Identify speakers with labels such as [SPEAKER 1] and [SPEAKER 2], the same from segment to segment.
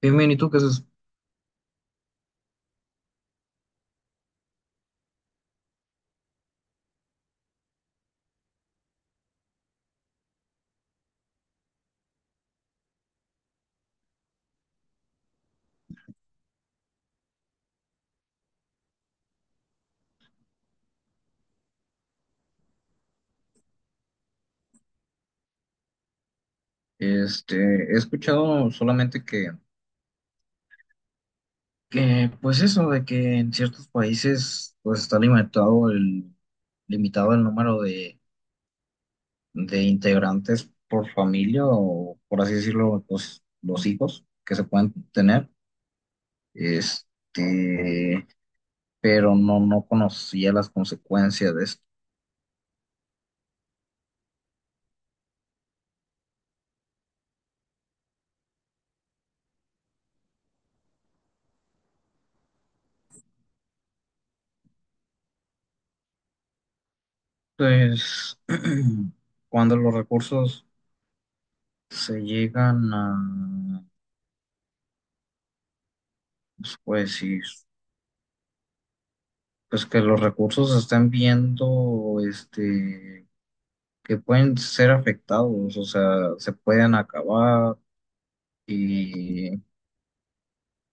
[SPEAKER 1] Bien, bien, ¿y tú qué haces? He escuchado solamente pues eso, de que en ciertos países, pues está limitado limitado el número de integrantes por familia o, por así decirlo, los hijos que se pueden tener. Este, pero no conocía las consecuencias de esto. Pues, cuando los recursos se llegan a, pues, ¿puede decir? Pues que los recursos se están viendo, que pueden ser afectados, o sea, se pueden acabar y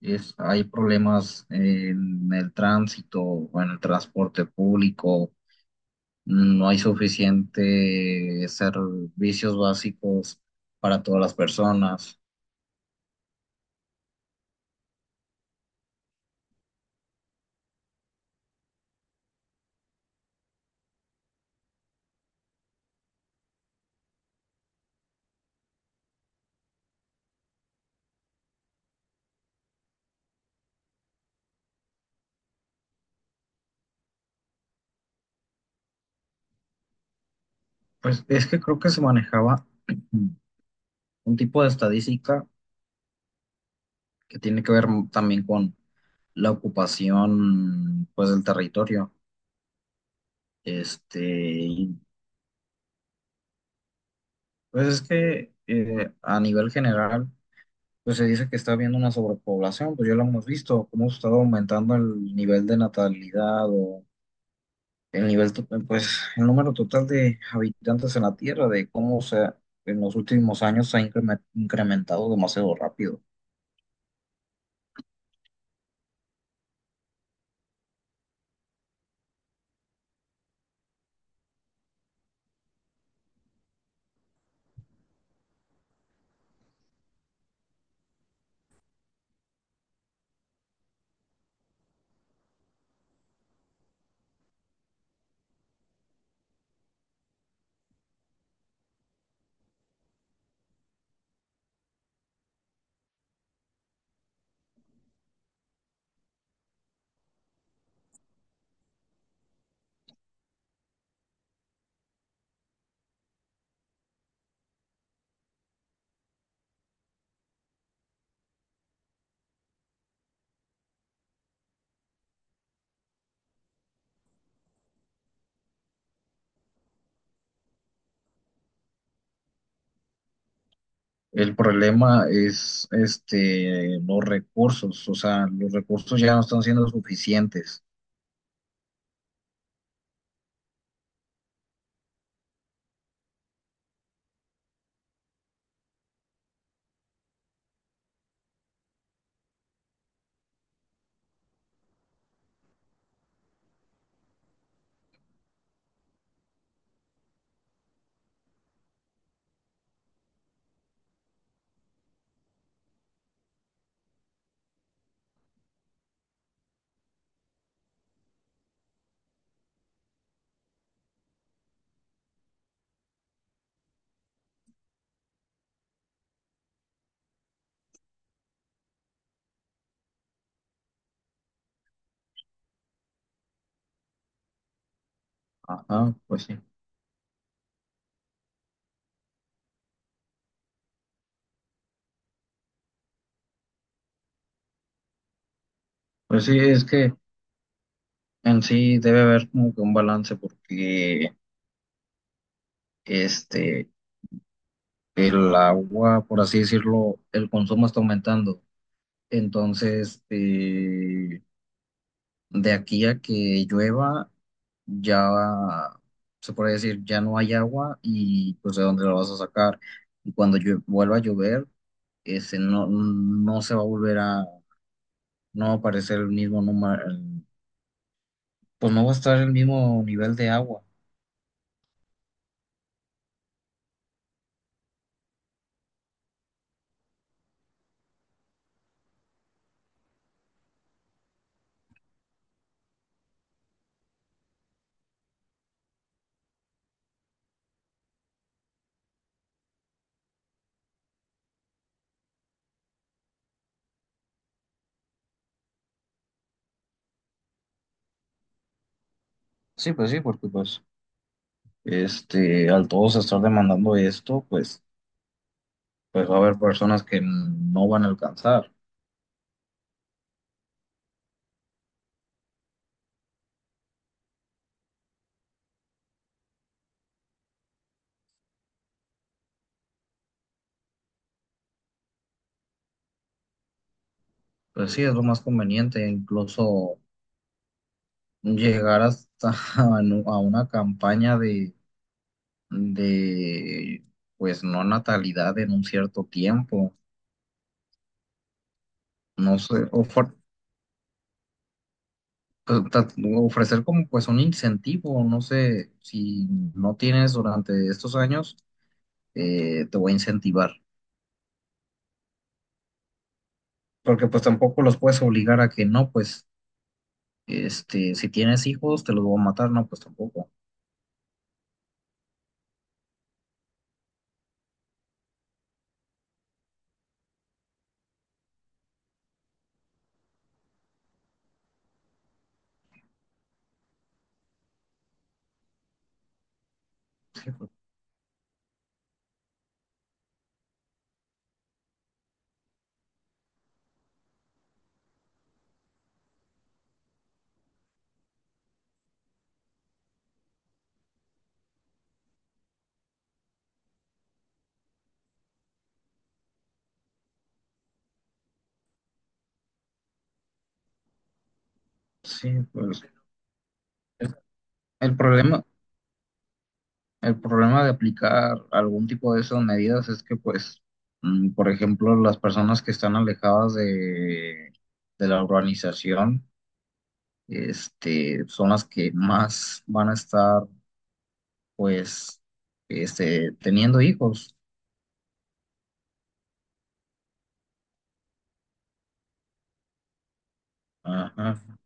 [SPEAKER 1] es, hay problemas en el tránsito o en el transporte público, no hay suficiente servicios básicos para todas las personas. Pues es que creo que se manejaba un tipo de estadística que tiene que ver también con la ocupación, pues, del territorio. Este, y, pues es que a nivel general, pues se dice que está habiendo una sobrepoblación, pues ya lo hemos visto, cómo ha estado aumentando el nivel de natalidad o el nivel, pues el número total de habitantes en la Tierra, de cómo en los últimos años se ha incrementado demasiado rápido. El problema es este, los recursos, o sea, los recursos ya no están siendo suficientes. Ajá, pues sí. Pues sí, es que... En sí debe haber como que un balance porque este el agua, por así decirlo, el consumo está aumentando. Entonces, de aquí a que llueva, ya se puede decir, ya no hay agua y pues de dónde la vas a sacar. Y cuando vuelva a llover, no se va a volver a, no va a aparecer el mismo número, pues no va a estar el mismo nivel de agua. Sí, pues sí, porque pues al todos estar demandando esto, pues, pues va a haber personas que no van a alcanzar. Pues sí, es lo más conveniente, incluso llegar hasta a a una campaña de pues, no natalidad en un cierto tiempo. No sé, pues, ofrecer como pues un incentivo, no sé, si no tienes durante estos años, te voy a incentivar. Porque pues tampoco los puedes obligar a que no, pues si tienes hijos, te los voy a matar, no, pues tampoco. Sí, el problema, el problema de aplicar algún tipo de esas medidas es que, pues, por ejemplo, las personas que están alejadas de la urbanización, son las que más van a estar, pues, teniendo hijos. Ajá.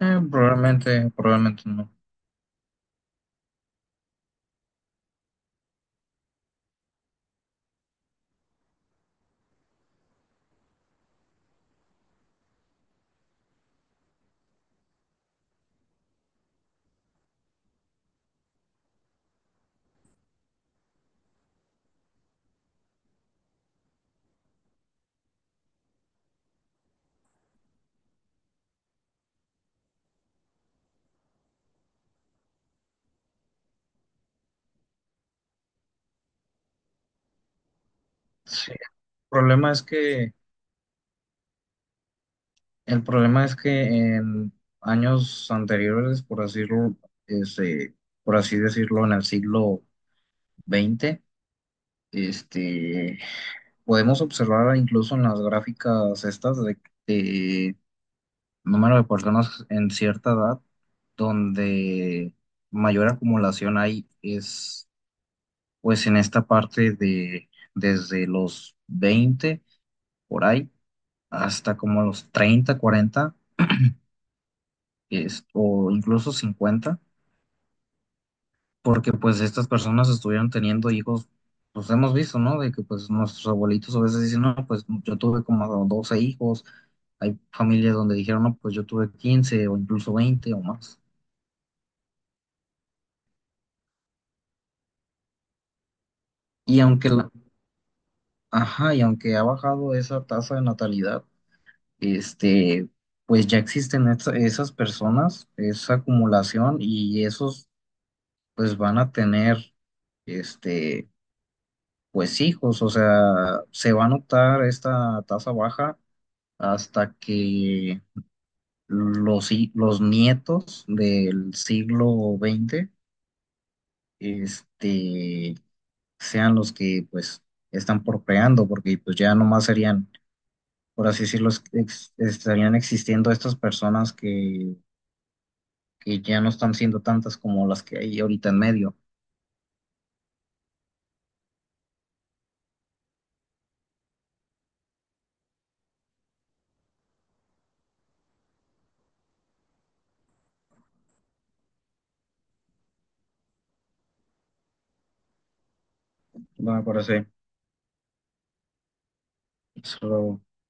[SPEAKER 1] Probablemente, probablemente no. Sí, el problema es que El problema es que en años anteriores, por decirlo, este, por así decirlo, en el siglo XX este, podemos observar incluso en las gráficas estas de número de personas en cierta edad, donde mayor acumulación hay es pues en esta parte de desde los 20 por ahí hasta como los 30, 40 o incluso 50 porque pues estas personas estuvieron teniendo hijos, pues hemos visto, ¿no? De que pues nuestros abuelitos a veces dicen, no, pues yo tuve como 12 hijos, hay familias donde dijeron, no, pues yo tuve 15 o incluso 20 o más. Y aunque la, ajá, y aunque ha bajado esa tasa de natalidad, este, pues ya existen esas personas, esa acumulación y esos pues van a tener, este, pues hijos, o sea, se va a notar esta tasa baja hasta que los nietos del siglo XX este, sean los que pues están procreando, porque pues ya nomás serían, por así decirlo, estarían existiendo estas personas que ya no están siendo tantas como las que hay ahorita en medio. Bueno, me parece.